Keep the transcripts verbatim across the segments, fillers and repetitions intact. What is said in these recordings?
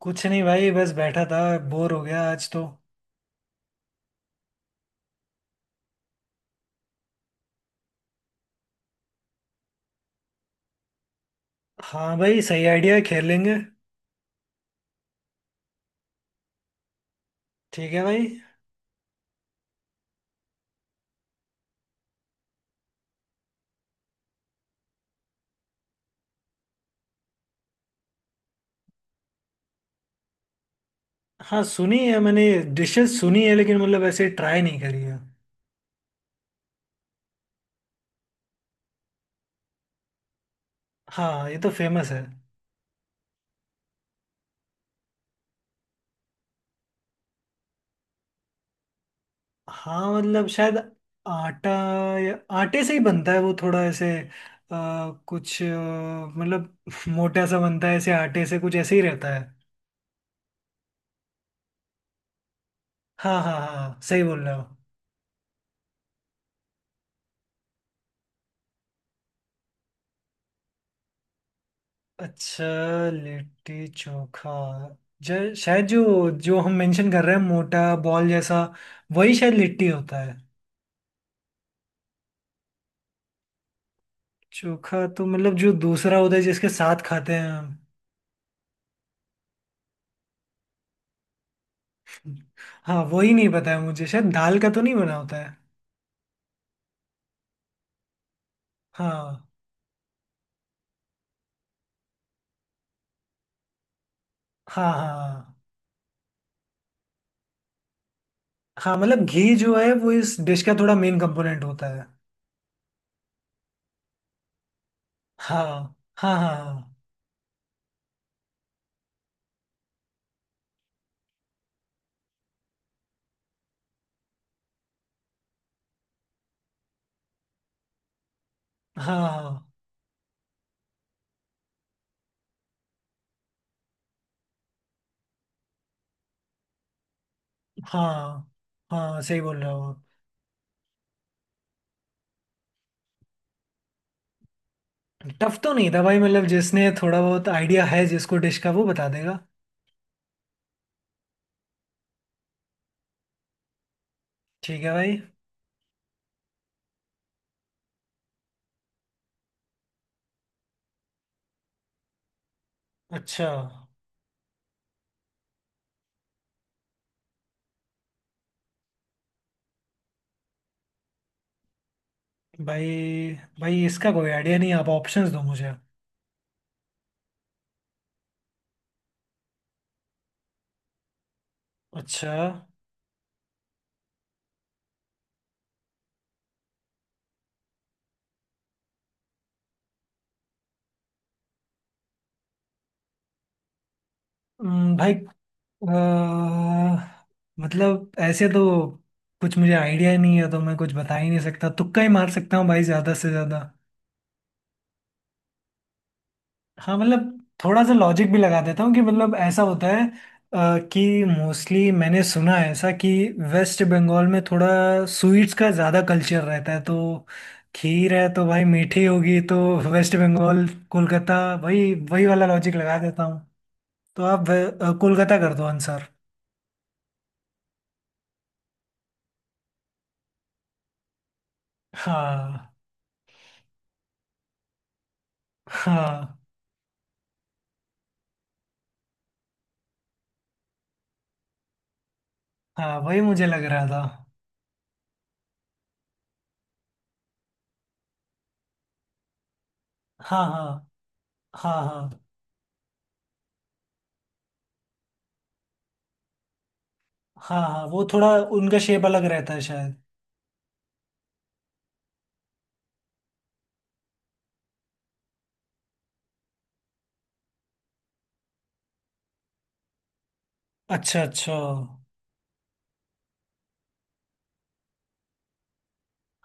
कुछ नहीं भाई बस बैठा था। बोर हो गया आज तो। हाँ भाई सही आइडिया, खेल लेंगे। ठीक है भाई। हाँ सुनी है मैंने। डिशेस सुनी है, लेकिन मतलब ऐसे ट्राई नहीं करी है। हाँ ये तो फेमस है। हाँ मतलब शायद आटा या आटे से ही बनता है वो, थोड़ा ऐसे आ, कुछ अ, मतलब मोटा सा बनता है ऐसे आटे से, कुछ ऐसे ही रहता है। हाँ हाँ हाँ सही बोल रहे हो। अच्छा। लिट्टी चोखा, जो शायद जो जो हम मेंशन कर रहे हैं, मोटा बॉल जैसा, वही शायद लिट्टी होता है। चोखा तो मतलब जो दूसरा होता है जिसके साथ खाते हैं हम। हाँ वही नहीं पता है मुझे, शायद दाल का तो नहीं बना होता है। हाँ। हाँ हाँ हाँ मतलब घी जो है वो इस डिश का थोड़ा मेन कंपोनेंट होता है। हाँ हाँ हाँ हाँ। हाँ हाँ हाँ सही बोल रहे हो आप। टफ तो नहीं था भाई, मतलब जिसने थोड़ा बहुत आइडिया है जिसको डिश का, वो बता देगा। ठीक है भाई। अच्छा। भाई, भाई इसका कोई आइडिया नहीं, आप ऑप्शंस दो मुझे। अच्छा। हम्म, भाई, अ, मतलब ऐसे तो कुछ मुझे आइडिया नहीं है, तो मैं कुछ बता ही नहीं सकता, तुक्का ही मार सकता हूँ भाई ज़्यादा से ज़्यादा। हाँ मतलब थोड़ा सा लॉजिक भी लगा देता हूँ कि मतलब ऐसा होता है अ, कि मोस्टली मैंने सुना है ऐसा कि वेस्ट बंगाल में थोड़ा स्वीट्स का ज़्यादा कल्चर रहता है, तो खीर है तो भाई मीठी होगी तो। वेस्ट बंगाल, कोलकाता, वही वही वाला लॉजिक लगा देता हूँ। तो आप वे- अ, कोलकाता कर दो आंसर। हाँ हाँ हाँ वही मुझे लग रहा था। हाँ हाँ हाँ हाँ हाँ हाँ वो थोड़ा उनका शेप अलग रहता है शायद। अच्छा अच्छा।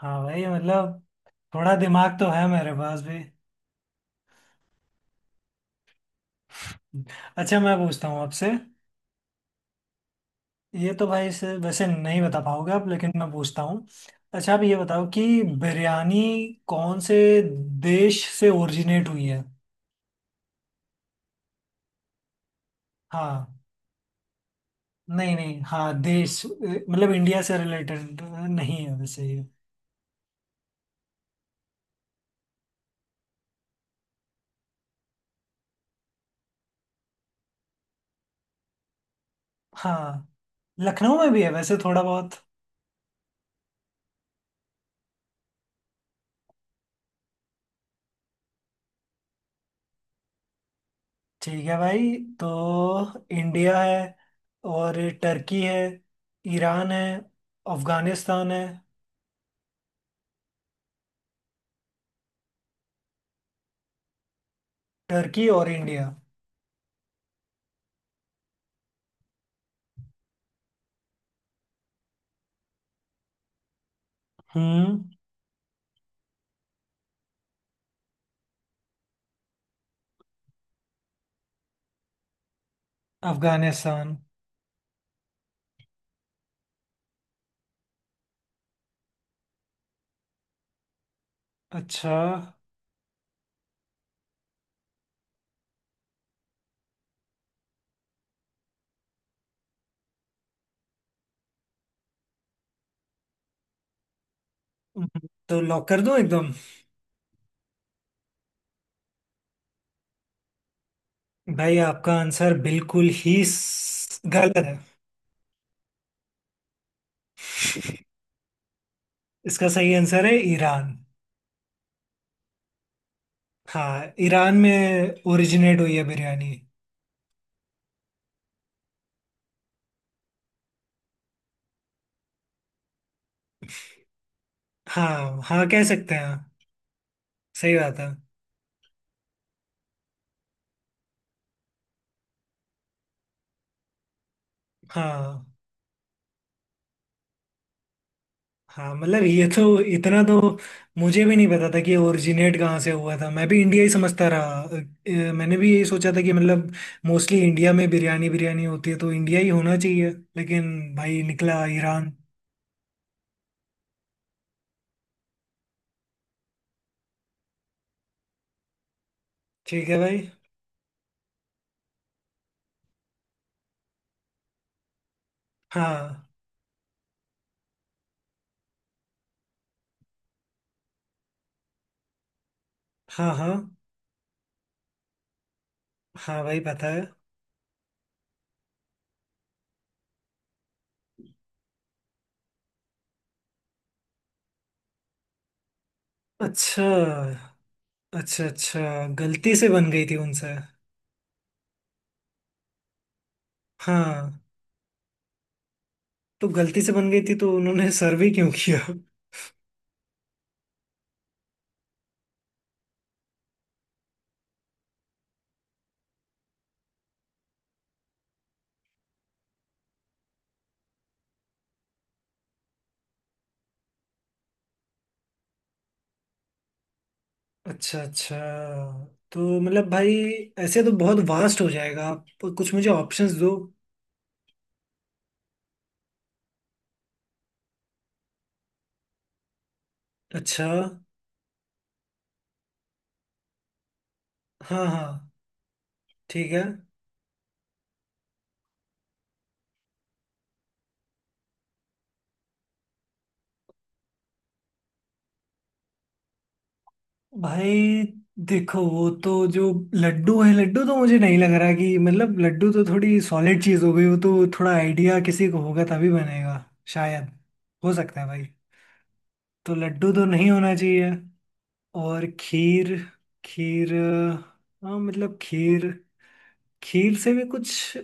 हाँ भाई मतलब। थोड़ा दिमाग तो है मेरे पास भी। अच्छा मैं पूछता हूँ आपसे। ये तो भाई से वैसे नहीं बता पाओगे आप, लेकिन मैं पूछता हूँ। अच्छा आप ये बताओ कि बिरयानी कौन से देश से ओरिजिनेट हुई है। हाँ। नहीं नहीं हाँ, देश, अ, मतलब इंडिया से रिलेटेड नहीं है वैसे ये। हाँ लखनऊ में भी है वैसे थोड़ा बहुत। ठीक है भाई, तो इंडिया है, और टर्की है, ईरान है, अफगानिस्तान है। टर्की और इंडिया। हम्म। अफगानिस्तान। अच्छा। हम्म, तो लॉक कर दूं एकदम? भाई आपका आंसर बिल्कुल ही स- गलत है। इसका सही आंसर है ईरान। हाँ ईरान में ओरिजिनेट हुई है बिरयानी। हाँ हाँ कह सकते हैं। सही बात है। हाँ। हाँ मतलब ये तो इतना तो। मुझे भी नहीं पता था कि ओरिजिनेट कहाँ से हुआ था, मैं भी इंडिया ही समझता रहा। अ, अ, मैंने भी यही सोचा था कि मतलब मोस्टली इंडिया में बिरयानी बिरयानी होती है तो इंडिया ही होना चाहिए, लेकिन भाई निकला ईरान। ठीक है भाई। हाँ। हाँ हाँ हाँ भाई पता है। अच्छा अच्छा। अच्छा गलती से बन गई थी उनसे। हाँ। तो गलती से बन गई थी तो उन्होंने सर्व ही क्यों किया? अच्छा अच्छा। तो मतलब भाई ऐसे तो बहुत वास्ट हो जाएगा आप, कुछ मुझे ऑप्शंस दो। अच्छा। हाँ हाँ ठीक है भाई। देखो वो तो जो लड्डू है, लड्डू तो मुझे नहीं लग रहा कि, मतलब लड्डू तो थोड़ी सॉलिड चीज हो गई, वो तो थोड़ा आइडिया किसी को होगा तभी बनेगा शायद। हो सकता है भाई। तो लड्डू तो नहीं होना चाहिए। और खीर। खीर, अ, हाँ मतलब खीर, खीर से भी कुछ,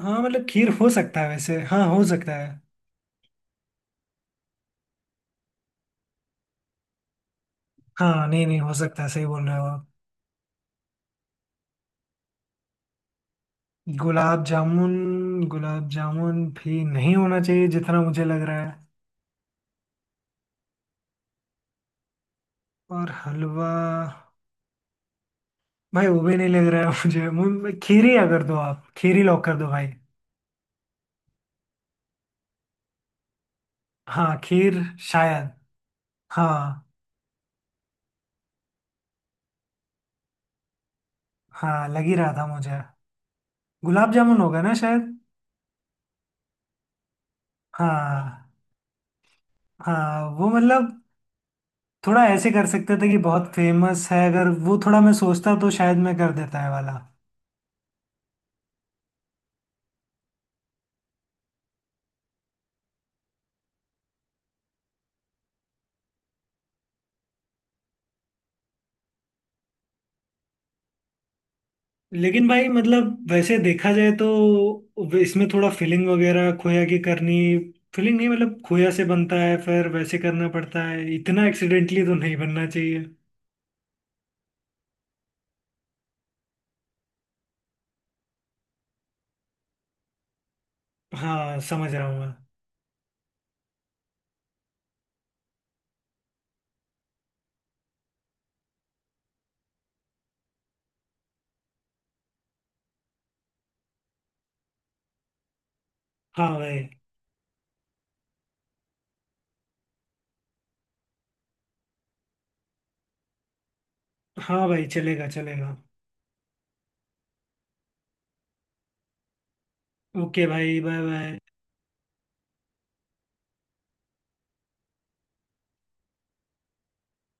हाँ मतलब खीर हो सकता है वैसे, हाँ हो सकता है। हाँ। नहीं नहीं हो सकता है, सही बोल रहे हो आप। गुलाब जामुन। गुलाब जामुन भी नहीं होना चाहिए जितना मुझे लग रहा है। और हलवा, भाई वो भी नहीं लग रहा है मुझे। मुझे खीर ही, अगर दो आप, खीर ही लॉक कर दो भाई। हाँ खीर शायद। हाँ। हाँ लग ही रहा था मुझे। गुलाब जामुन होगा ना शायद। हाँ। हाँ वो मतलब थोड़ा ऐसे कर सकते थे कि बहुत फेमस है, अगर वो थोड़ा मैं सोचता तो शायद मैं कर देता है वाला। लेकिन भाई मतलब वैसे देखा जाए तो वे- इसमें थोड़ा फिलिंग वगैरह, खोया की करनी। फिलिंग नहीं, मतलब खोया से बनता है फिर वैसे, करना पड़ता है इतना, एक्सीडेंटली तो नहीं बनना चाहिए। हाँ समझ रहा हूँ मैं। हाँ भाई। हाँ भाई चलेगा चलेगा। ओके भाई, बाय बाय।